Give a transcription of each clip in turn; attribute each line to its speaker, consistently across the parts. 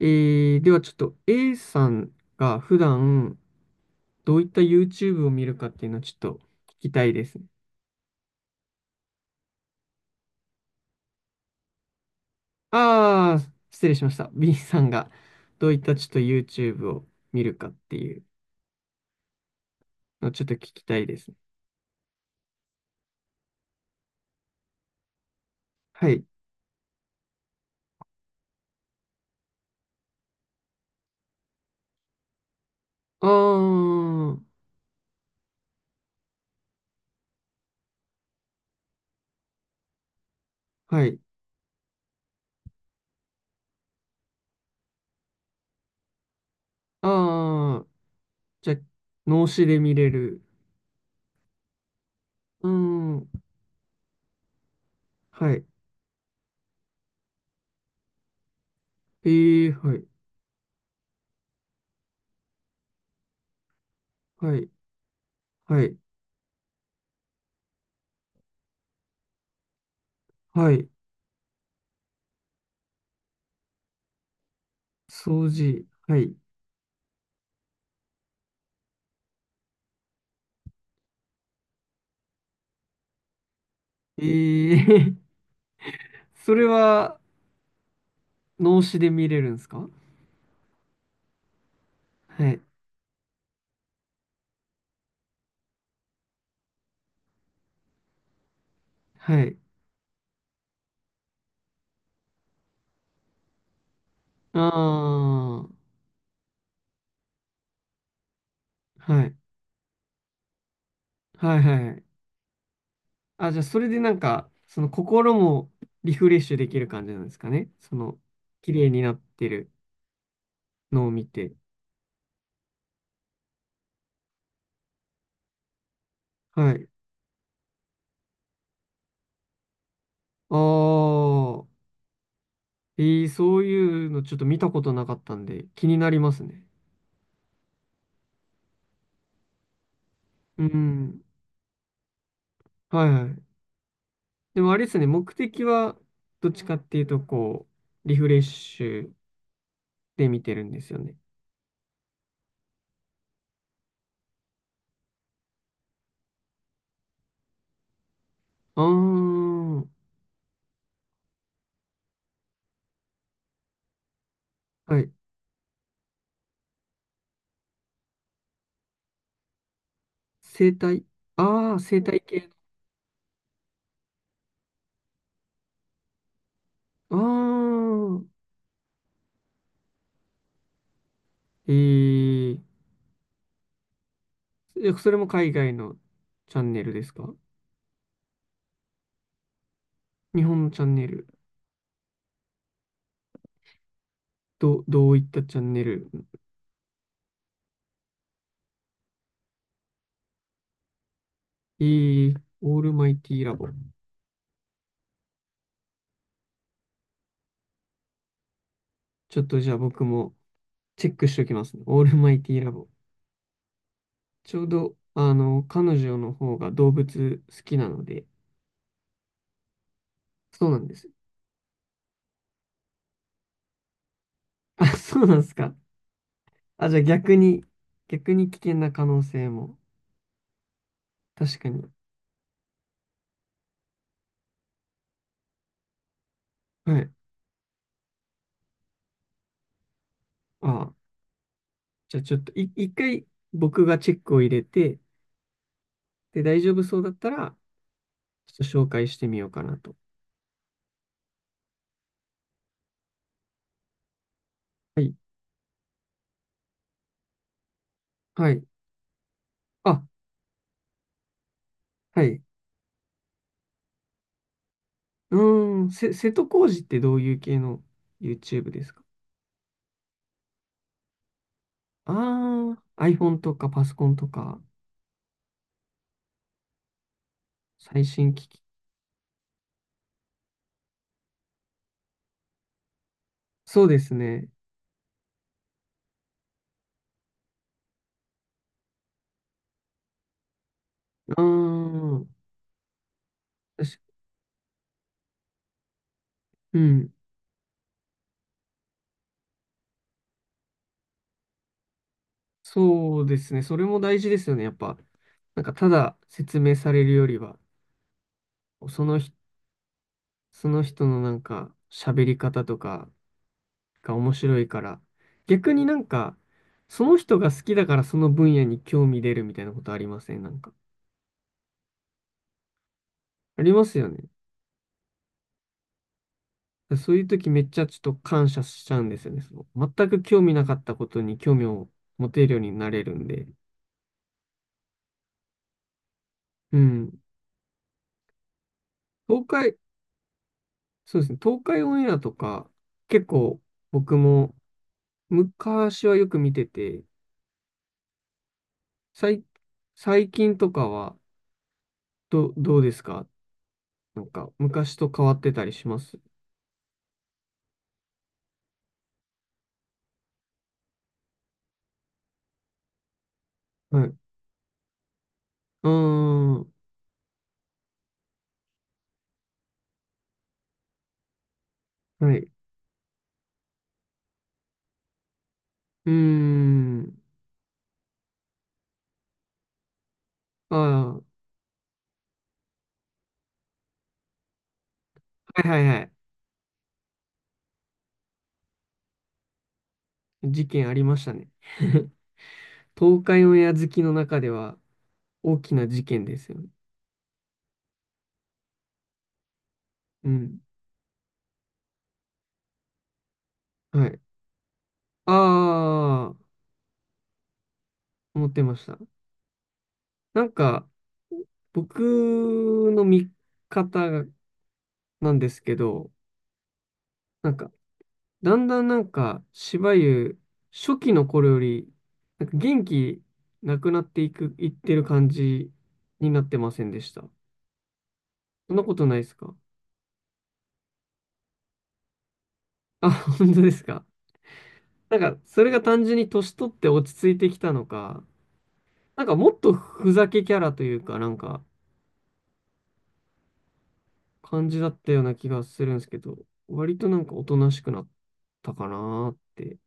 Speaker 1: ではちょっと A さんが普段どういった YouTube を見るかっていうのをちょっと聞きたいですね。ああ、失礼しました。B さんがどういったちょっと YouTube を見るかっていうのをちょっと聞きたいですね。はい。ああ、はい。ああ、じゃあ、脳死で見れる。うーん、はい。えー、はい。はい。はい。はい。掃除。はい。えー、それは脳死で見れるんですか？はい。はい。ああ、はい。はいはいはい。あ、じゃあ、それでなんか、その心もリフレッシュできる感じなんですかね。綺麗になってるのを見て。はい。ああ、そういうのちょっと見たことなかったんで、気になりますね。うん。はいはい。でもあれですね、目的は、どっちかっていうと、リフレッシュで見てるんですよね。ああ、はい。生態。ああ、生態系。ああ、えええ、それも海外のチャンネルですか？日本のチャンネル。どういったチャンネル？えーオールマイティラボ。ちょっとじゃあ僕もチェックしておきますね。オールマイティラボ。ちょうど、彼女の方が動物好きなので、そうなんです。あ、そうなんですか。あ、じゃあ逆に、逆に危険な可能性も。確かに。はい。あ、じゃあちょっと一回僕がチェックを入れて、で、大丈夫そうだったら、ちょっと紹介してみようかなと。はい。はい。あ、はい。うーん、瀬戸康史ってどういう系の YouTube ですか？ああー、iPhone とかパソコンとか、最新機器。そうですね。うーん。確うん。そうですね。それも大事ですよね。やっぱ、なんか、ただ説明されるよりは、その人、その人のなんか、喋り方とか、が面白いから。逆になんか、その人が好きだからその分野に興味出るみたいなことありませんなんか。ありますよね。そういう時めっちゃちょっと感謝しちゃうんですよね。その全く興味なかったことに興味を持てるようになれるんで。うん。東海、そうですね。東海オンエアとか、結構僕も昔はよく見てて、最、最近とかはどうですか？なんか昔と変わってたりします？はい。うーん。はい。うーん。ああ、はいはいはい。事件ありましたね。東海オンエア好きの中では大きな事件ですよね。うん。はい。ああ、思ってました。なんか、僕の見方がなんですけど、なんか、だんだんなんか、しばゆ初期の頃より、なんか元気なくなっていく、いってる感じになってませんでした？そんなことないですか？あ、本当ですか？なんか、それが単純に年取って落ち着いてきたのか、なんかもっとふざけキャラというか、なんか感じだったような気がするんですけど、割となんかおとなしくなったかなーって。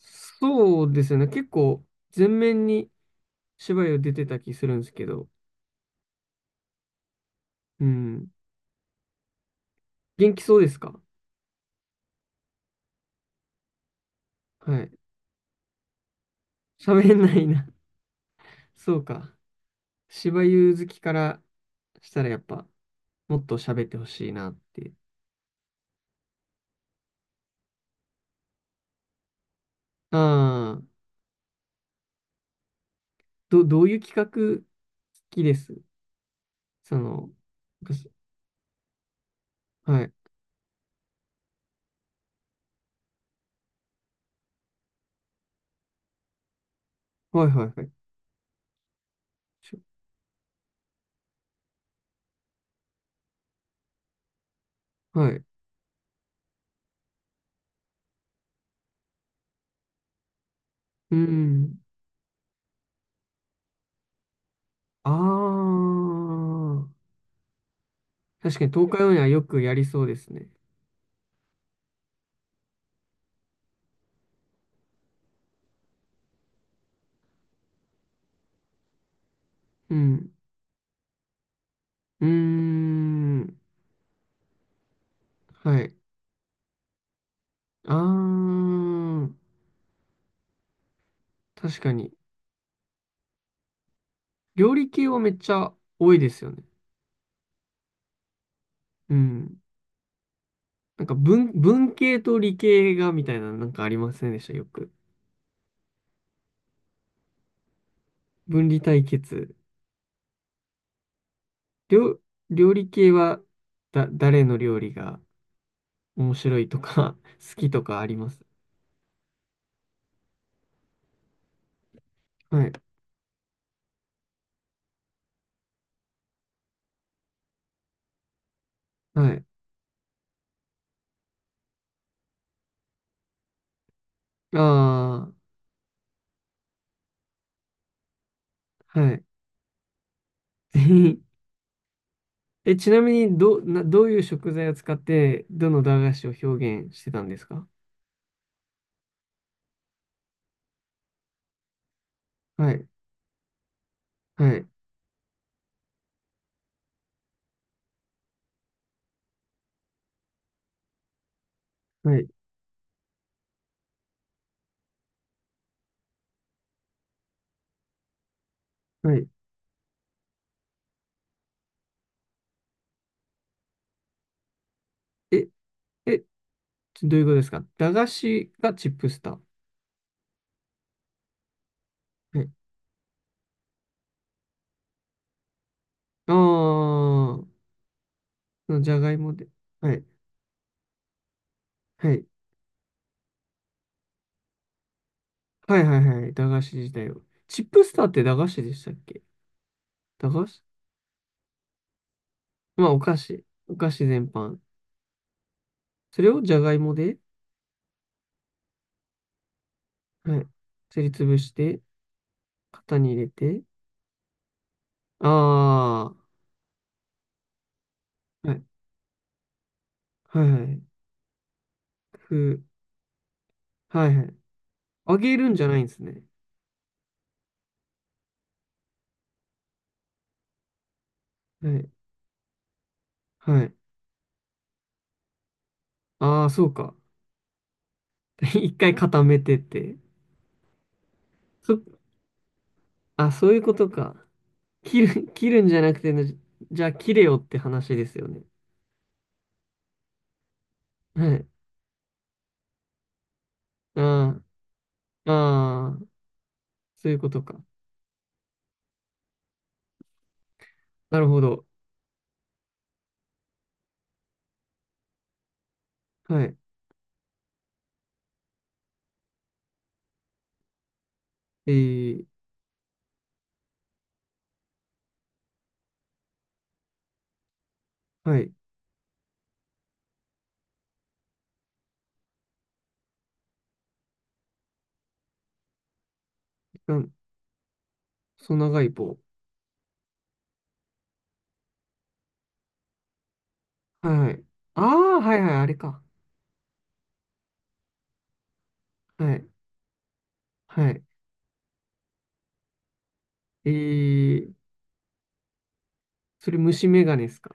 Speaker 1: そうですよね。結構全面に芝居を出てた気するんですけど、うん。元気そうですか？はい。喋んないな。そうか。芝居好きからしたらやっぱもっと喋ってほしいなって。ああ、どういう企画好きです？その、私はい。はいはいはい。しょはい。うん。ああ。確かに東海オンエアよくやりそうですね。うん。うーん。はい。ああ。確かに。料理系はめっちゃ多いですよね。うん。なんか文系と理系がみたいななんかありませんでした、よく？分離対決。料、料理系は誰の料理が面白いとか 好きとかあります？はい。はい。ああ、はい。ぜひ。ちなみに、どういう食材を使って、どの駄菓子を表現してたんですか？はい、はい、はい、はい。え、え、どういうことですか？駄菓子がチップスター。はい。ああ、そのじゃがいもで。はい、はい、はい、はい、はい。駄菓子自体を。チップスターって駄菓子でしたっけ？駄菓子まあ、お菓子。お菓子全般。それをじゃがいもで、はい。すりつぶして、型に入れて、ああ、はい、はいはい、ふ、はいはい。あげるんじゃないんですね。はい、はい。ああ、そうか。一回固めてって。そ、あ、そういうことか。切るんじゃなくてね、じゃあ切れよって話ですよね。はい。ああ、ああ、そういうことか。なるほど。はい。えー、はい。なん、細長い棒。はいはい。ああ、はいはい、あれか。はい、はい。えー、それ虫眼鏡ですか？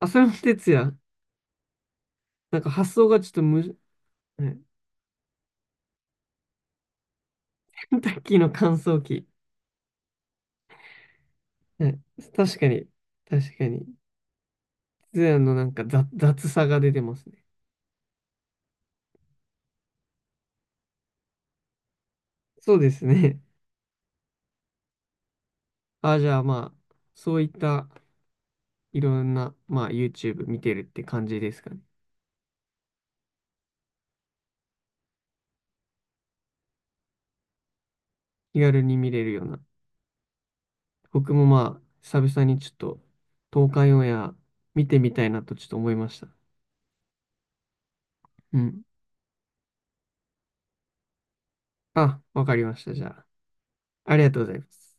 Speaker 1: あ、それも哲也。なんか発想がちょっとむず、はい、ケンタッキーの乾燥機。はい、確かに、確かに。ツヤのなんか雑さが出てますね。そうですね。あ、じゃあまあ、そういったいろんな、まあ、YouTube 見てるって感じですかね。気軽に見れるような。僕もまあ、久々にちょっと、東海オンエア見てみたいなとちょっと思いました。うん。あ、わかりました。じゃあ、ありがとうございます。